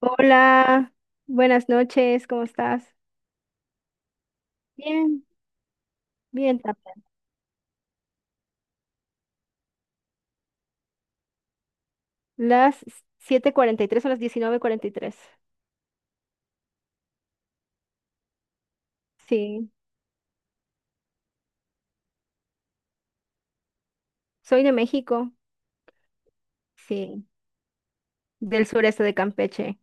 Hola, buenas noches, ¿cómo estás? Bien, bien también. Las 7:43 o las 19:43. Sí, soy de México, sí, del sureste de Campeche.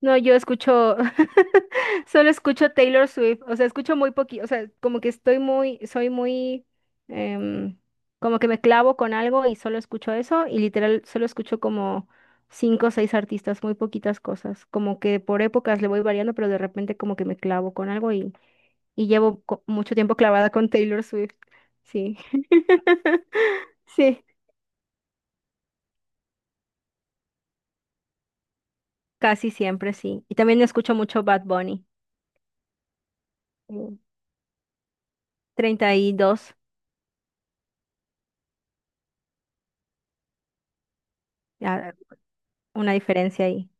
No, yo escucho, solo escucho Taylor Swift, o sea, escucho muy poquito, o sea, como que estoy muy, soy muy, em, como que me clavo con algo y solo escucho eso y literal solo escucho como cinco o seis artistas, muy poquitas cosas, como que por épocas le voy variando, pero de repente como que me clavo con algo y llevo mucho tiempo clavada con Taylor Swift, sí, sí, casi siempre sí. Y también escucho mucho Bad Bunny. mm, 32. Una diferencia ahí.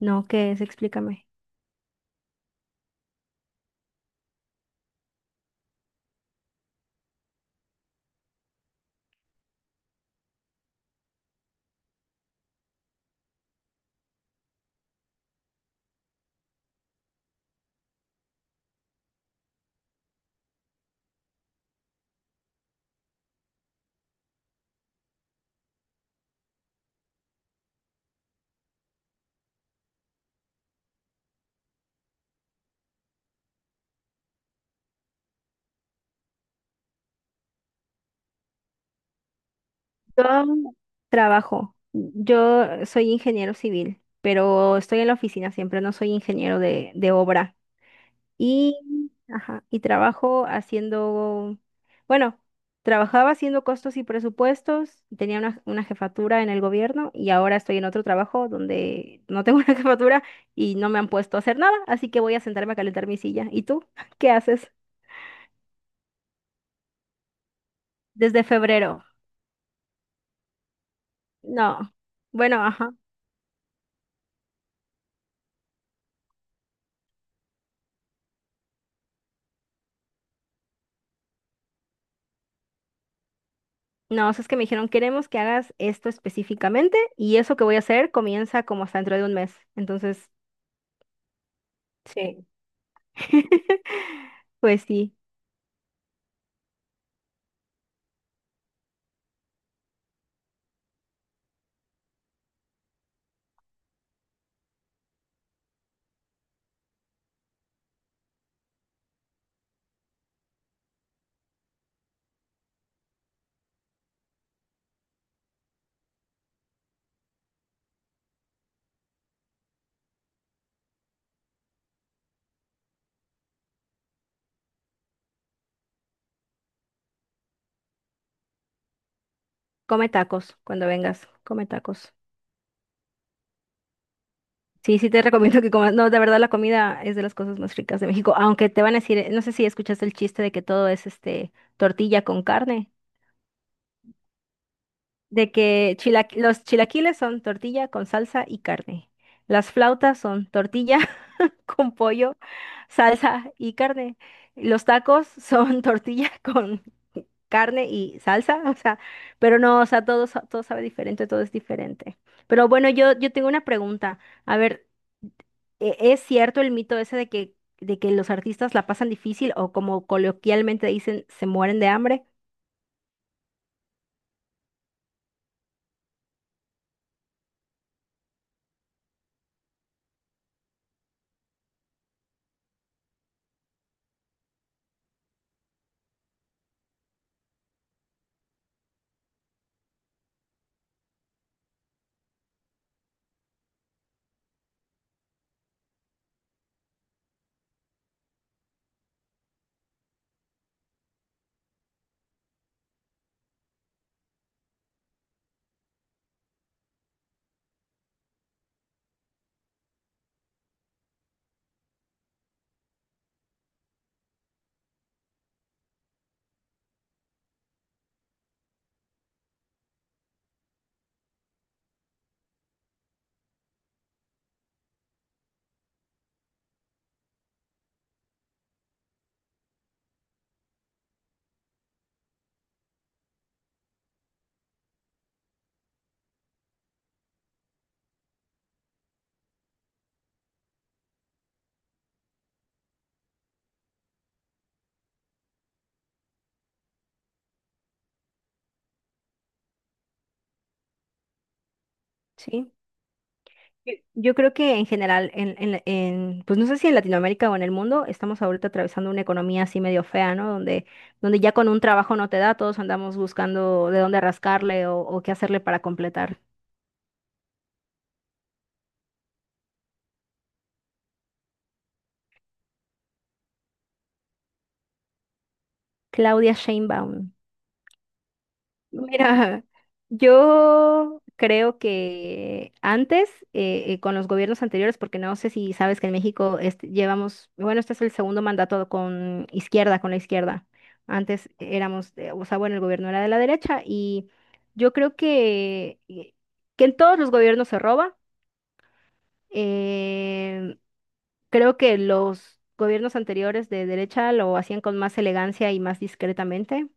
No, ¿qué es? Explícame. Yo trabajo. Yo soy ingeniero civil, pero estoy en la oficina siempre, no soy ingeniero de obra. Y, ajá, y trabajo haciendo, bueno, trabajaba haciendo costos y presupuestos, tenía una jefatura en el gobierno y ahora estoy en otro trabajo donde no tengo una jefatura y no me han puesto a hacer nada, así que voy a sentarme a calentar mi silla. ¿Y tú? ¿Qué haces? Desde febrero. No. Bueno, ajá. No, o sea, es que me dijeron, queremos que hagas esto específicamente y eso que voy a hacer comienza como hasta dentro de un mes. Entonces, sí. Pues sí, come tacos cuando vengas, come tacos. Sí, sí te recomiendo que comas. No, de verdad la comida es de las cosas más ricas de México, aunque te van a decir, no sé si escuchaste el chiste de que todo es este tortilla con carne, de que los chilaquiles son tortilla con salsa y carne. Las flautas son tortilla con pollo, salsa y carne. Los tacos son tortilla con carne y salsa, o sea, pero no, o sea, todo, todo sabe diferente, todo es diferente. Pero bueno, yo tengo una pregunta. A ver, ¿es cierto el mito ese de que, los artistas la pasan difícil o como coloquialmente dicen, se mueren de hambre? Sí. Yo creo que en general, en, pues no sé si en Latinoamérica o en el mundo, estamos ahorita atravesando una economía así medio fea, ¿no? Donde ya con un trabajo no te da, todos andamos buscando de dónde rascarle o qué hacerle para completar. Claudia Sheinbaum. Mira, yo creo que antes, con los gobiernos anteriores, porque no sé si sabes que en México este, llevamos, bueno, este es el segundo mandato con izquierda, con la izquierda. Antes éramos, o sea, bueno, el gobierno era de la derecha y yo creo que en todos los gobiernos se roba. eh, Creo que los gobiernos anteriores de derecha lo hacían con más elegancia y más discretamente.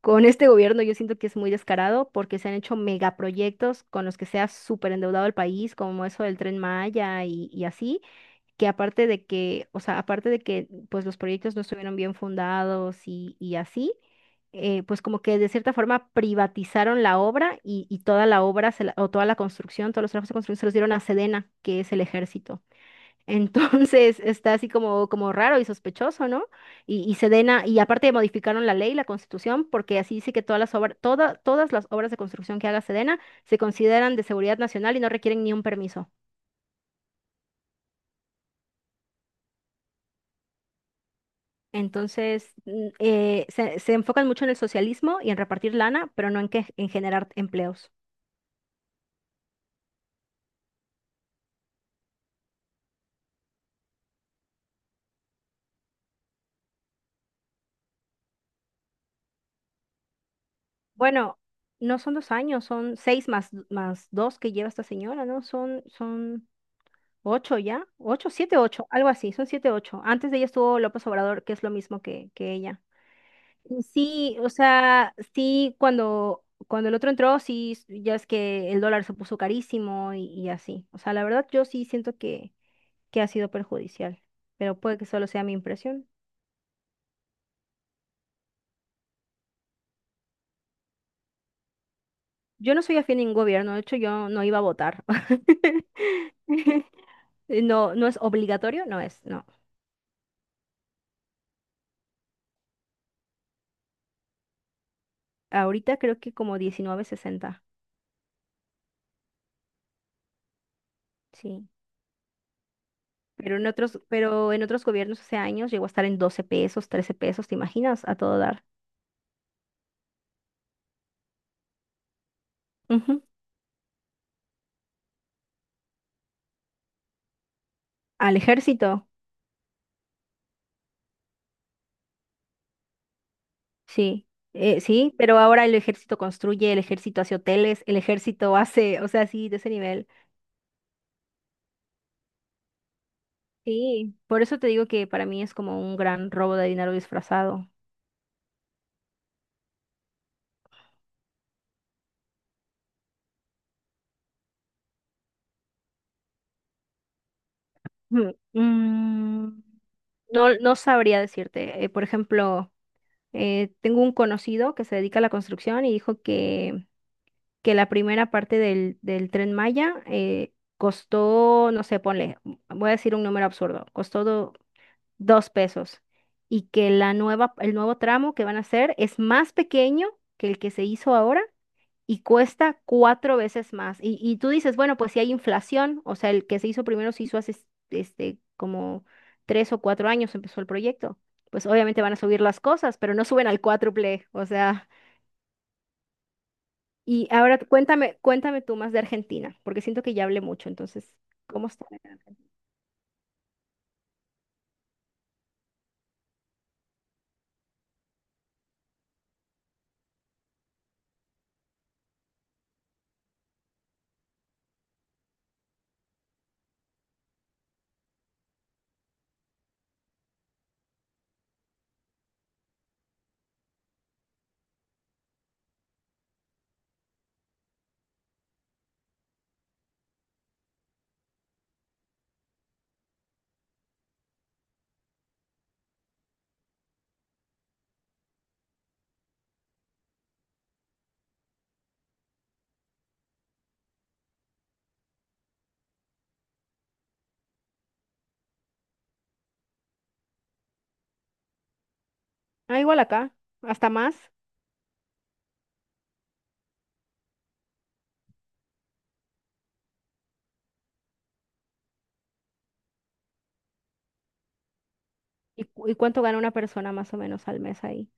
Con este gobierno yo siento que es muy descarado porque se han hecho megaproyectos con los que se ha súper endeudado el país, como eso del Tren Maya y así, que aparte de que, o sea, aparte de que pues los proyectos no estuvieron bien fundados y así, pues como que de cierta forma privatizaron la obra y toda la obra o toda la construcción, todos los trabajos de construcción se los dieron a Sedena, que es el ejército. Entonces está así como raro y sospechoso, ¿no? Y aparte modificaron la ley, la constitución, porque así dice que todas las obras de construcción que haga Sedena se consideran de seguridad nacional y no requieren ni un permiso. Entonces, se enfocan mucho en el socialismo y en repartir lana, pero no en que, en generar empleos. Bueno, no son 2 años, son seis más dos que lleva esta señora, ¿no? Son ocho ya, ocho, siete, ocho, algo así, son siete, ocho. Antes de ella estuvo López Obrador, que es lo mismo que ella. Y sí, o sea, sí, cuando el otro entró, sí, ya es que el dólar se puso carísimo y así. O sea, la verdad yo sí siento que ha sido perjudicial, pero puede que solo sea mi impresión. Yo no soy afín a ningún gobierno, de hecho yo no iba a votar. No, no es obligatorio, no es, no. Ahorita creo que como 19.60, sí. Pero en otros gobiernos hace años llegó a estar en 12 pesos, 13 pesos, ¿te imaginas? A todo dar. Ujú. Al ejército, sí. Sí, pero ahora el ejército construye, el ejército hace hoteles, el ejército hace, o sea, sí, de ese nivel. Sí, por eso te digo que para mí es como un gran robo de dinero disfrazado. Mm, mm, no, no sabría decirte. Por ejemplo, tengo un conocido que se dedica a la construcción y dijo que la primera parte del Tren Maya costó, no sé, ponle, voy a decir un número absurdo, costó 2 pesos y que el nuevo tramo que van a hacer es más pequeño que el que se hizo ahora y cuesta cuatro veces más. Y tú dices, bueno, pues si hay inflación, o sea, el que se hizo primero se hizo hace este, como 3 o 4 años empezó el proyecto. Pues obviamente van a subir las cosas, pero no suben al cuádruple, o sea. Y ahora cuéntame, cuéntame tú más de Argentina, porque siento que ya hablé mucho, entonces, ¿cómo está? Ah, igual acá, hasta más. ¿Y cuánto gana una persona más o menos al mes ahí?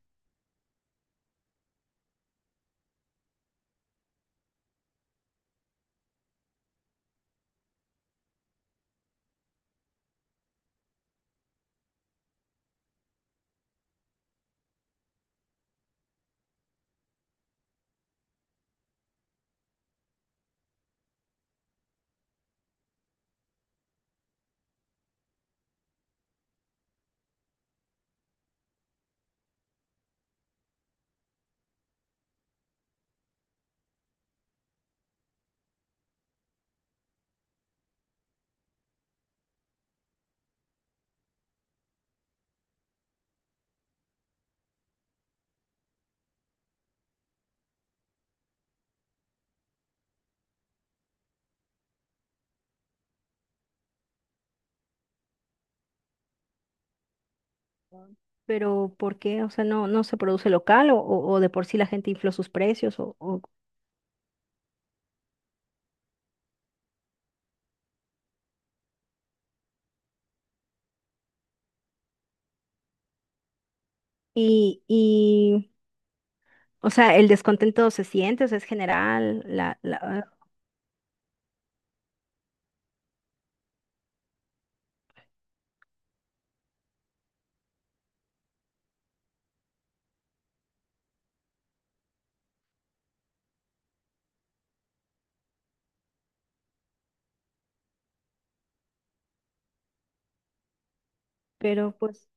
Pero ¿por qué? O sea, no se produce local o, o de por sí la gente infló sus precios o. y, y, o sea, el descontento se siente, o sea, es general, pero pues,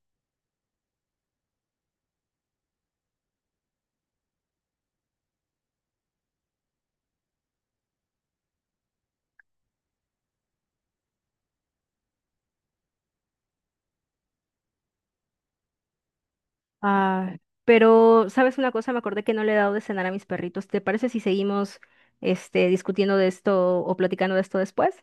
ah, ¿sabes una cosa? Me acordé que no le he dado de cenar a mis perritos. ¿Te parece si seguimos, discutiendo de esto o platicando de esto después?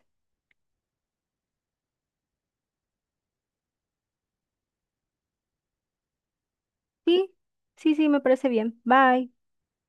Sí, sí, sí, me parece bien. Bye.